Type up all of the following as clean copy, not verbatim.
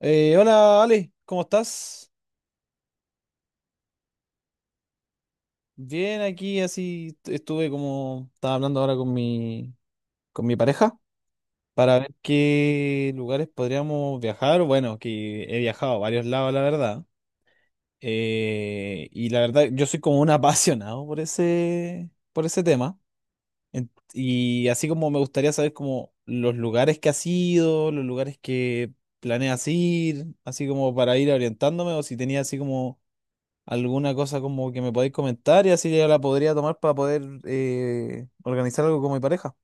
Hola Ale, ¿cómo estás? Bien, aquí así estuve como estaba hablando ahora con mi pareja para ver qué lugares podríamos viajar. Bueno, que he viajado a varios lados, la verdad. Y la verdad, yo soy como un apasionado por ese tema. Y así como me gustaría saber como los lugares que has ido, los lugares que planeas ir, así como para ir orientándome o si tenía así como alguna cosa como que me podáis comentar y así ya la podría tomar para poder organizar algo con mi pareja.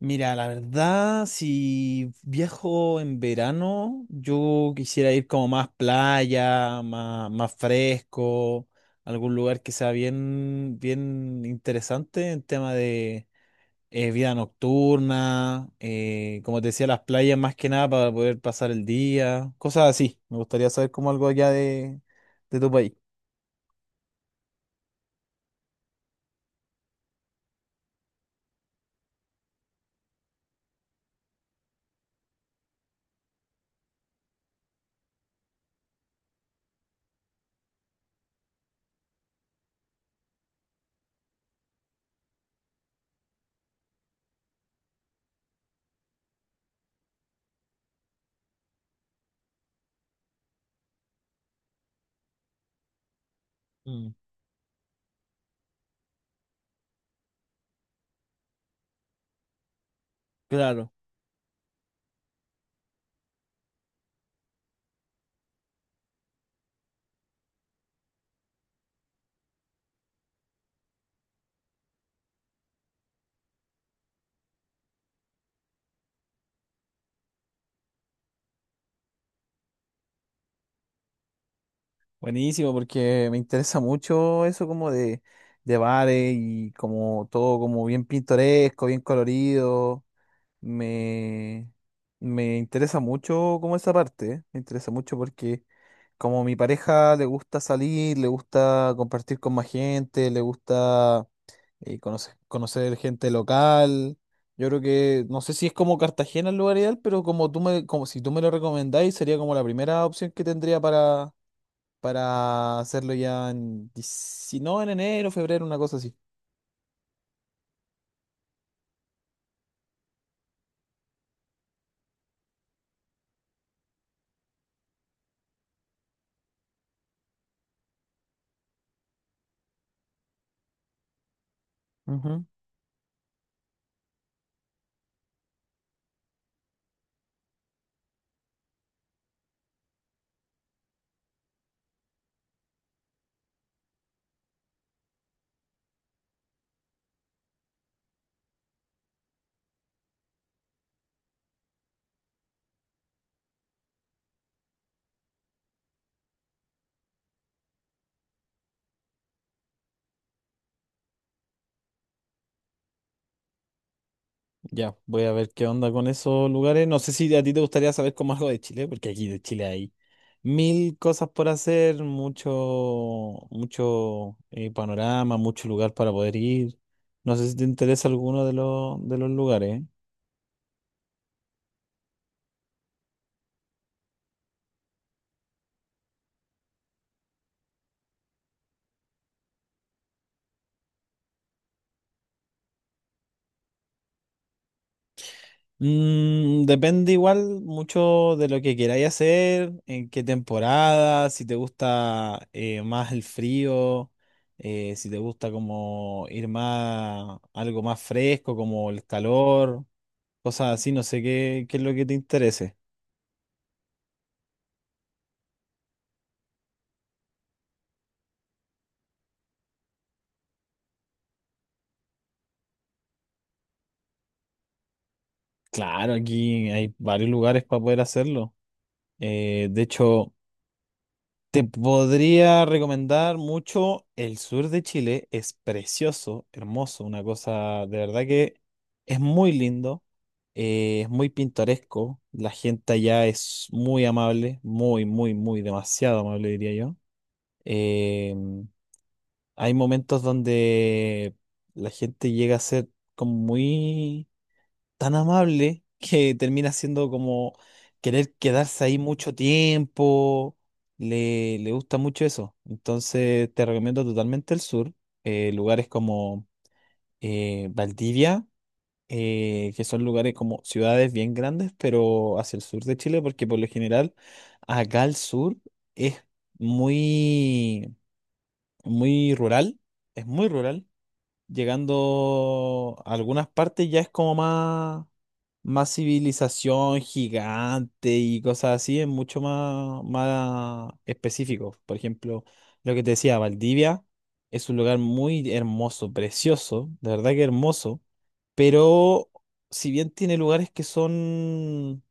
Mira, la verdad, si viajo en verano, yo quisiera ir como más playa, más, más fresco, algún lugar que sea bien, bien interesante en tema de vida nocturna, como te decía, las playas más que nada para poder pasar el día, cosas así. Me gustaría saber como algo allá de tu país. Claro, buenísimo, porque me interesa mucho eso como de bares y como todo como bien pintoresco, bien colorido. Me, me interesa mucho como esa parte, ¿eh? Me interesa mucho porque como mi pareja le gusta salir, le gusta compartir con más gente, le gusta conocer, conocer gente local. Yo creo que, no sé si es como Cartagena el lugar ideal, pero como tú me, como si tú me lo recomendáis, sería como la primera opción que tendría para hacerlo ya en, no, en enero, febrero, una cosa así. Ujú. Ya, voy a ver qué onda con esos lugares. No sé si a ti te gustaría saber como algo de Chile, porque aquí de Chile hay mil cosas por hacer, mucho, mucho panorama, mucho lugar para poder ir. No sé si te interesa alguno de los lugares. Mm, depende igual mucho de lo que queráis hacer, en qué temporada, si te gusta más el frío, si te gusta como ir más, algo más fresco, como el calor, cosas así, no sé qué, qué es lo que te interese. Claro, aquí hay varios lugares para poder hacerlo. Eh, de hecho, Te podría recomendar mucho el sur de Chile, es precioso, hermoso, una cosa de verdad que es muy lindo, es muy pintoresco, la gente allá es muy amable, muy, muy, muy, demasiado amable diría yo. Eh, Hay momentos donde la gente llega a ser como muy tan amable que termina siendo como querer quedarse ahí mucho tiempo. Le gusta mucho eso. Entonces te recomiendo totalmente el sur. Lugares como Valdivia, que son lugares como ciudades bien grandes, pero hacia el sur de Chile, porque por lo general acá al sur es muy, muy rural. Es muy rural, llegando a algunas partes ya es como más, más civilización gigante y cosas así, es mucho más, más específico. Por ejemplo, lo que te decía, Valdivia es un lugar muy hermoso, precioso, de verdad que hermoso, pero si bien tiene lugares que son un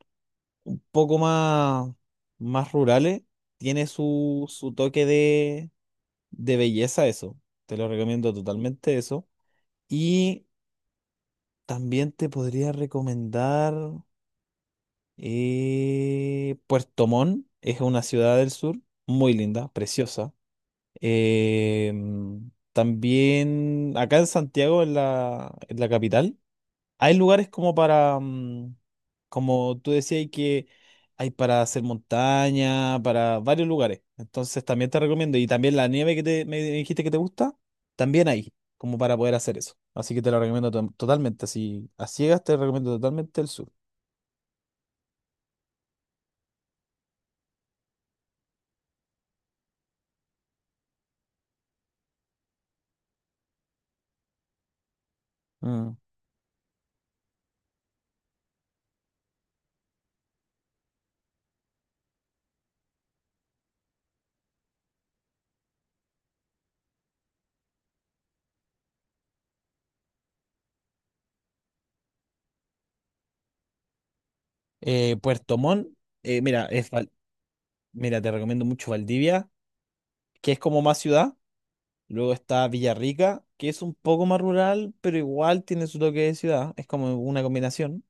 poco más, más rurales, tiene su, su toque de belleza eso. Te lo recomiendo totalmente eso. Y también te podría recomendar Puerto Montt, es una ciudad del sur, muy linda, preciosa. También acá en Santiago, en la capital, hay lugares como para, mm, como tú decías, que hay para hacer montaña, para varios lugares. Entonces también te recomiendo. Y también la nieve que te, me dijiste que te gusta, también hay, como para poder hacer eso. Así que te lo recomiendo totalmente. Así, a ciegas te recomiendo totalmente el sur. Mm. Puerto Montt, mira, mira, te recomiendo mucho Valdivia, que es como más ciudad. Luego está Villarrica, que es un poco más rural, pero igual tiene su toque de ciudad. Es como una combinación.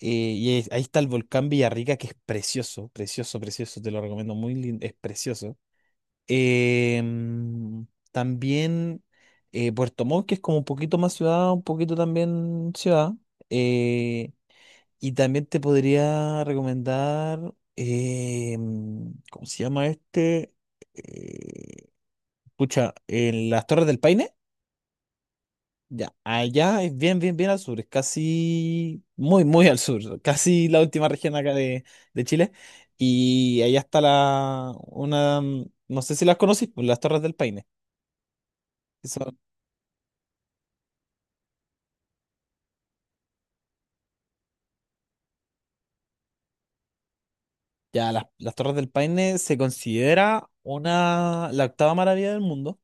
Ahí está el volcán Villarrica, que es precioso, precioso, precioso, te lo recomiendo, muy lindo, es precioso. Em, También Puerto Montt, que es como un poquito más ciudad, un poquito también ciudad. Eh, y también te podría recomendar, ¿cómo se llama este? Eh, Pucha, en las Torres del Paine. Ya, allá es bien, bien, bien al sur, es casi muy, muy al sur, casi la última región acá de Chile. Y allá está la, una, mm, no sé si las conocís, pues las Torres del Paine. que son- ya, las Torres del Paine se considera una, la octava maravilla del mundo,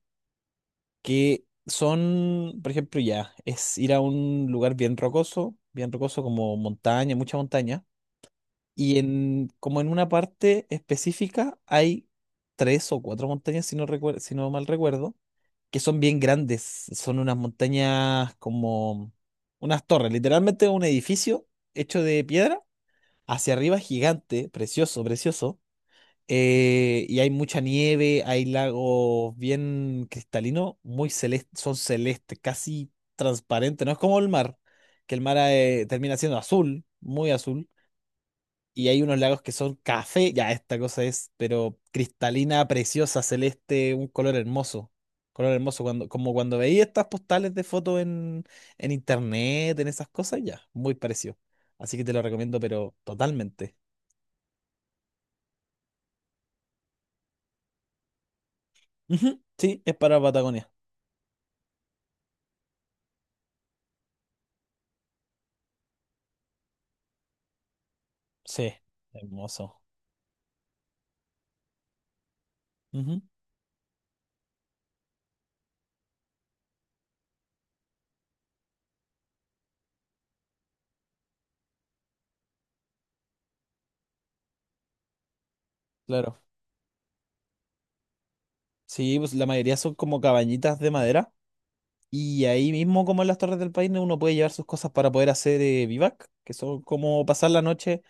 que son, por ejemplo, ya, es ir a un lugar bien rocoso como montaña, mucha montaña. Y en, como en una parte específica hay tres o cuatro montañas, si no mal recuerdo, que son bien grandes. Son unas montañas como unas torres, literalmente un edificio hecho de piedra, hacia arriba gigante, precioso, precioso. Y hay mucha nieve, hay lagos bien cristalinos, muy celestes, son celestes, casi transparentes. No es como el mar, que el mar termina siendo azul, muy azul, y hay unos lagos que son café, ya esta cosa es, pero cristalina, preciosa, celeste, un color hermoso. Color hermoso, cuando, como cuando veía estas postales de fotos en internet, en esas cosas, ya, muy parecido. Así que te lo recomiendo, pero totalmente. Ujú, sí, es para Patagonia. Sí, hermoso. Ujú, claro. Sí, pues la mayoría son como cabañitas de madera. Y ahí mismo, como en las Torres del Paine, uno puede llevar sus cosas para poder hacer vivac, que son como pasar la noche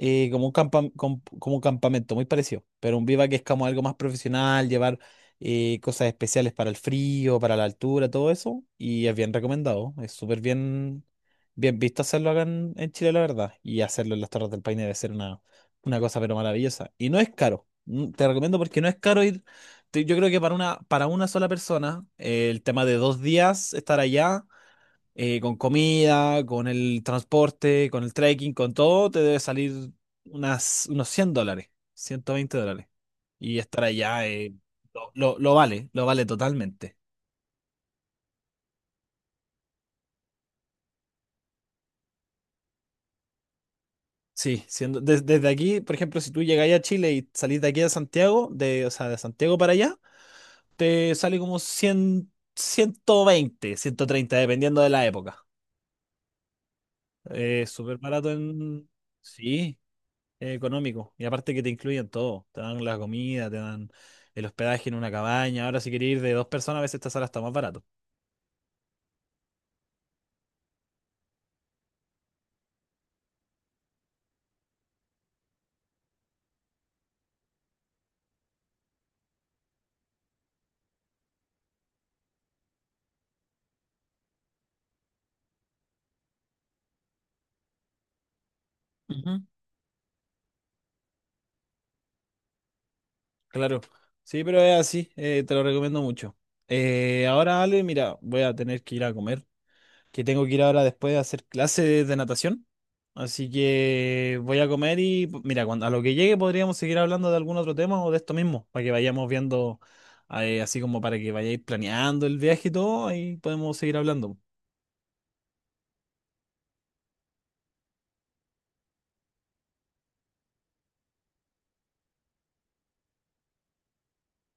como un como un campamento, muy parecido. Pero un vivac es como algo más profesional, llevar cosas especiales para el frío, para la altura, todo eso. Y es bien recomendado, es súper bien, bien visto hacerlo acá en Chile, la verdad. Y hacerlo en las Torres del Paine debe ser una cosa pero maravillosa. Y no es caro, mm, te recomiendo porque no es caro ir yo creo que para una sola persona, el tema de 2 días estar allá, con comida, con el transporte, con el trekking, con todo, te debe salir unas, unos $100, $120. Y estar allá, lo, lo vale totalmente. Sí, siendo, desde aquí, por ejemplo, si tú llegáis a Chile y salís de aquí a Santiago, de, o sea, de Santiago para allá, te sale como 100, 120, 130, dependiendo de la época. Súper barato en... Sí, económico. Y aparte que te incluyen todo. Te dan la comida, te dan el hospedaje en una cabaña. Ahora si quieres ir de 2 personas, a veces esta sala está más barato. Ujú. Claro. Sí, pero es así. Te lo recomiendo mucho. Ahora, Ale, mira, voy a tener que ir a comer, que tengo que ir ahora después a hacer clases de natación. Así que voy a comer y mira, cuando, a lo que llegue podríamos seguir hablando de algún otro tema o de esto mismo, para que vayamos viendo, así como para que vayáis planeando el viaje y todo, ahí podemos seguir hablando.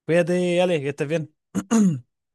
Cuídate, Alex, que estés bien.